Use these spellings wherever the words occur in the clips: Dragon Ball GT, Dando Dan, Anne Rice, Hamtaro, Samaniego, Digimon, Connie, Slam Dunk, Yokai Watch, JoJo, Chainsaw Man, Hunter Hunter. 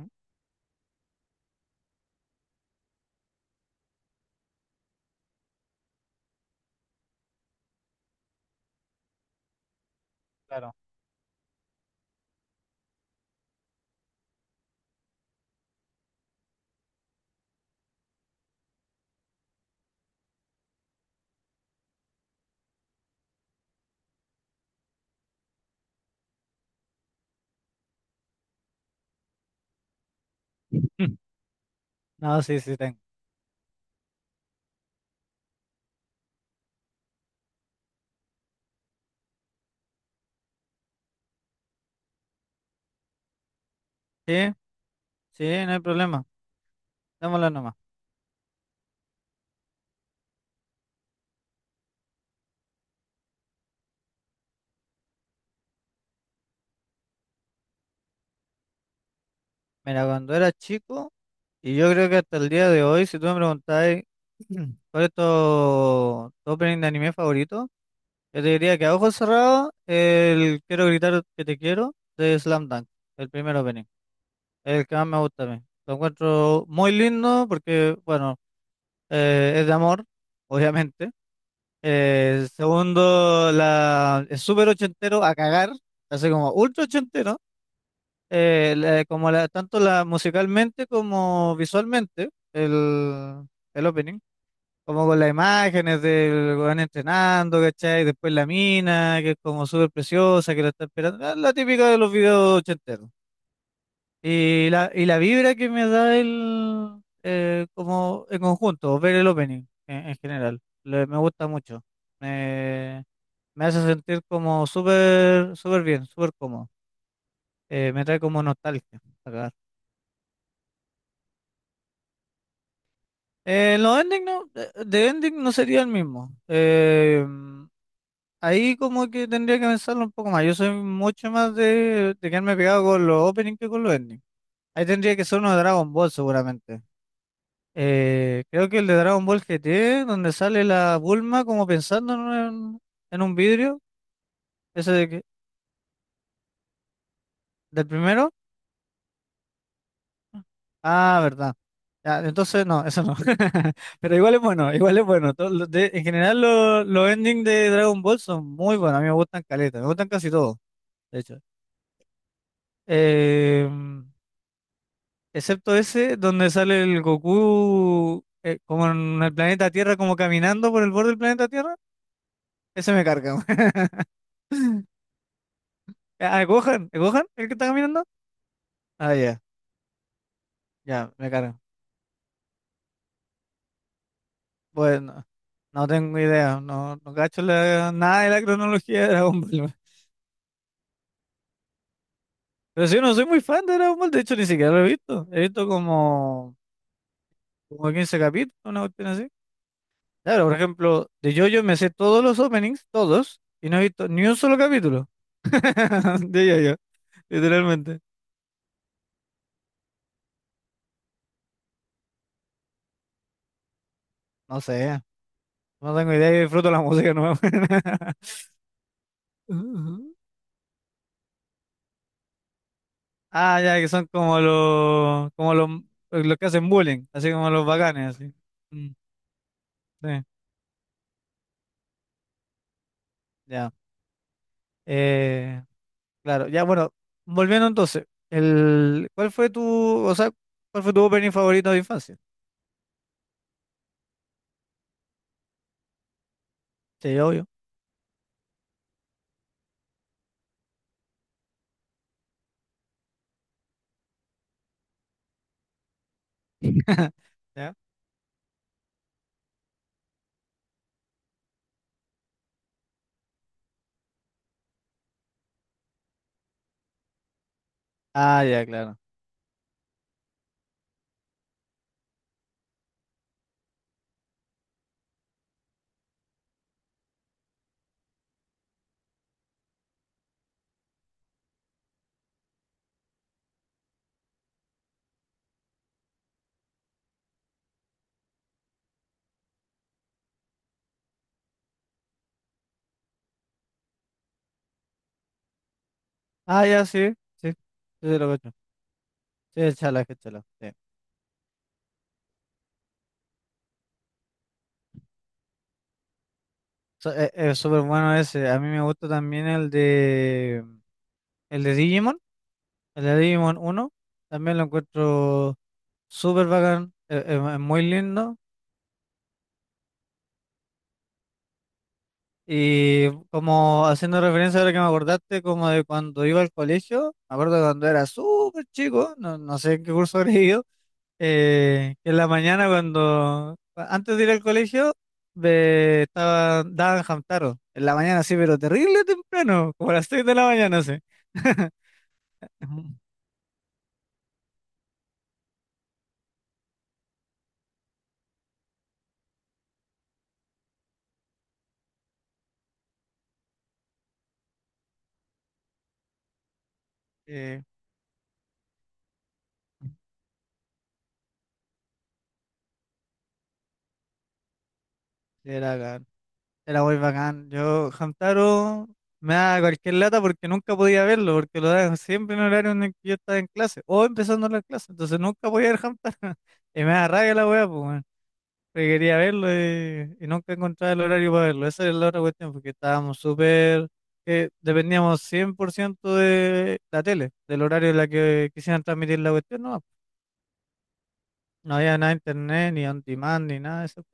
Mm. Claro. No, sí, sí tengo. Sí, sí, no hay problema. Démosla nomás. Mira, cuando era chico, y yo creo que hasta el día de hoy, si tú me preguntáis cuál es tu, tu opening de anime favorito, yo te diría que a ojos cerrados, el Quiero gritar que te quiero de Slam Dunk, el primer opening, es el que más me gusta a mí. Lo encuentro muy lindo porque, bueno, es de amor, obviamente. Segundo, es súper ochentero a cagar, así como ultra ochentero, tanto la musicalmente como visualmente, el opening, como con las imágenes del weón entrenando, ¿cachai? Después la mina, que es como súper preciosa, que la está esperando, la típica de los videos ochenteros. Y la vibra que me da el, como en conjunto, ver el opening en general, me gusta mucho. Me- me hace sentir como súper, súper bien, súper cómodo. Me trae como nostalgia a cagar. Los ending no, de ending no sería el mismo. Ahí como que tendría que pensarlo un poco más. Yo soy mucho más de quedarme pegado con los openings que con los endings. Ahí tendría que ser uno de Dragon Ball seguramente. Creo que el de Dragon Ball GT, donde sale la Bulma como pensando en un vidrio, ese de que- del primero. Ah, verdad. Ah, entonces, no, eso no. Pero igual es bueno, igual es bueno. Todo en general, los endings de Dragon Ball son muy buenos. A mí me gustan caleta, me gustan casi todos, de hecho. Em, Excepto ese donde sale el Goku como en el planeta Tierra, como caminando por el borde del planeta Tierra. Ese me carga. Weón. Ah, Gohan, ¿es Gohan el que está caminando? Ah, ya, ya, me carga. Bueno, no tengo idea, no, no cacho nada de la cronología de Dragon Ball. Pero si yo no soy muy fan de Dragon Ball, de hecho ni siquiera lo he visto. He visto como 15 capítulos, una cuestión así. Claro, por ejemplo, de JoJo me sé todos los openings, todos, y no he visto ni un solo capítulo de JoJo, literalmente. No sé, no tengo idea, yo disfruto la música nueva. Ujú. Ah, ya, que son como los, los que hacen bullying, así como los bacanes, así. Mm, sí, ya. Eh, Claro, ya bueno, volviendo entonces, ¿cuál fue tu, o sea, cuál fue tu opening favorito de infancia? Sí, obvio. ¿Ya? Ah, ya, claro. Ah, ya, sí, sí, sí, sí, lo cacho. Sí, es chala, sí. Es súper bueno ese. A mí me gusta también el de Digimon, el de Digimon uno, también lo encuentro súper bacán, es muy lindo. Y como haciendo referencia a lo que me acordaste, como de cuando iba al colegio, me acuerdo cuando era súper chico, no, no sé en qué curso habré ido, que en la mañana cuando, antes de ir al colegio, daban Hamtaro, en la mañana sí, pero terrible temprano, como a las 6 de la mañana, sí. Ujú. Eh, era Era muy bacán. Yo, Hamtaro, me da cualquier lata porque nunca podía verlo, porque lo daban siempre en horario en el que yo estaba en clase, o empezando las clases, entonces nunca podía ver Hamtaro. Y me da rabia la wea, pues, weón, porque quería verlo y nunca encontraba el horario para verlo. Esa es la otra cuestión, porque estábamos súper, que dependíamos 100% de la tele, del horario en la que quisieran transmitir la cuestión, no. No había nada de internet, ni on demand, ni nada de eso.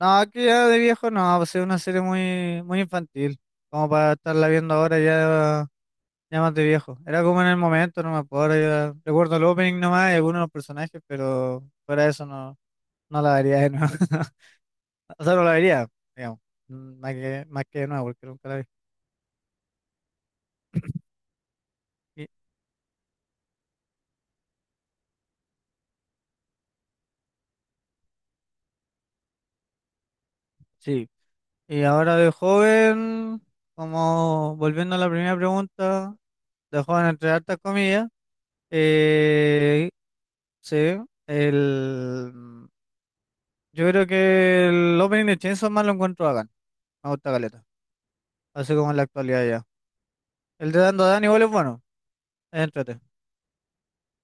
No, que ya de viejo no, pues es una serie muy, muy infantil, como para estarla viendo ahora ya, ya más de viejo. Era como en el momento, no me acuerdo, ahora ya recuerdo el opening nomás y algunos de los personajes, pero fuera de eso no, no la vería de nuevo. O sea, no la vería, digamos, más que de nuevo, porque nunca la vi. Y- sí, y ahora de joven, como volviendo a la primera pregunta, de joven entre hartas comillas, eh, sí, el... Yo creo que el opening de Chainsaw Man lo encuentro bacán. Me gusta caleta. Así como en la actualidad ya. El de Dando Dan igual es bueno. Entrate.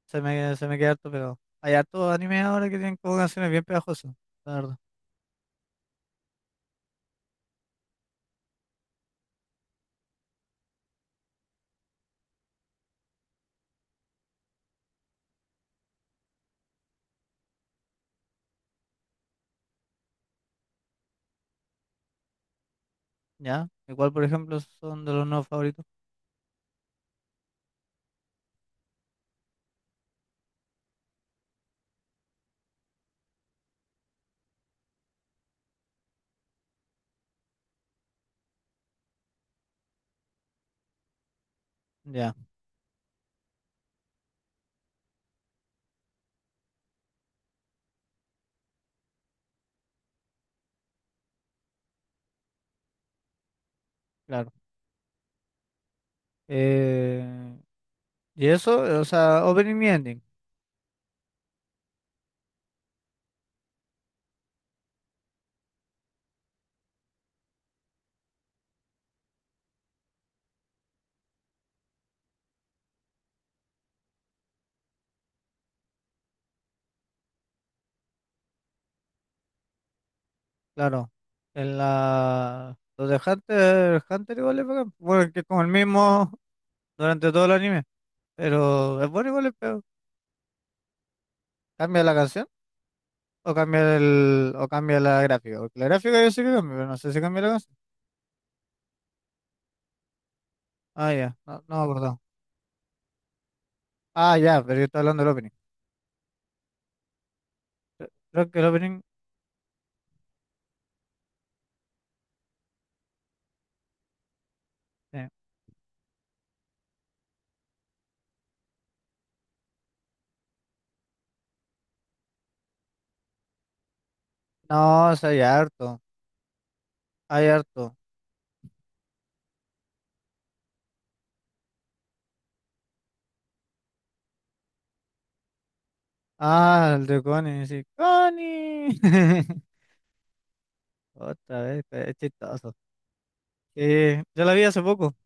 Se me queda harto, pero hay harto anime ahora que tienen como canciones bien pegajosas. La verdad. Ya. Igual, por ejemplo, son de los nuevos favoritos. Ya, claro. Eh, y eso, o sea, opening y ending. Claro. En la. Los de Hunter, Hunter igual es bacán. Bueno, que es como el mismo durante todo el anime. Pero es bueno igual es peor. Cambia la canción. O cambia la gráfica. Porque la gráfica yo sé que cambia, pero no sé si cambia la canción. Ah, ya. No, no me acuerdo. Ah, ya, pero yo estaba hablando del opening. Creo que el opening. Sí. No, o sea, hay harto. Hay harto. Ah, el de Connie, sí. ¡Connie! Otra vez, es chistoso. Yo la vi hace poco.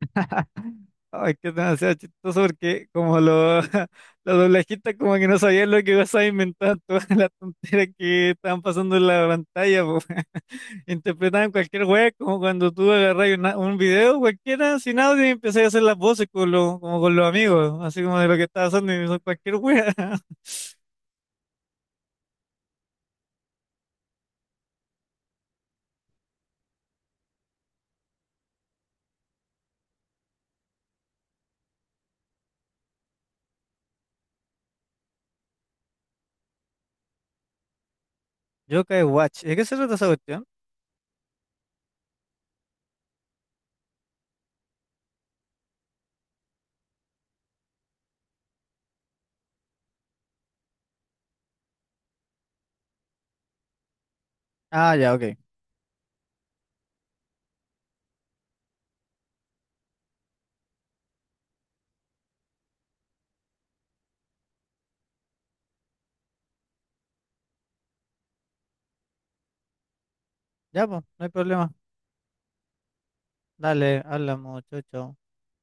Ay, que es demasiado chistoso porque como lo, la doblajita como que no sabía lo que ibas a inventar, todas las tonteras que estaban pasando en la pantalla, po. Interpretaban cualquier wea, como cuando tú agarras un video cualquiera sin audio y empezás a hacer las voces como con los amigos, así como de lo que estaba haciendo y son cualquier wea. Yokai Watch, ¿de qué se trata esa cuestión? Ah, ya, ok. Ya, pues, no hay problema. Dale, habla mucho,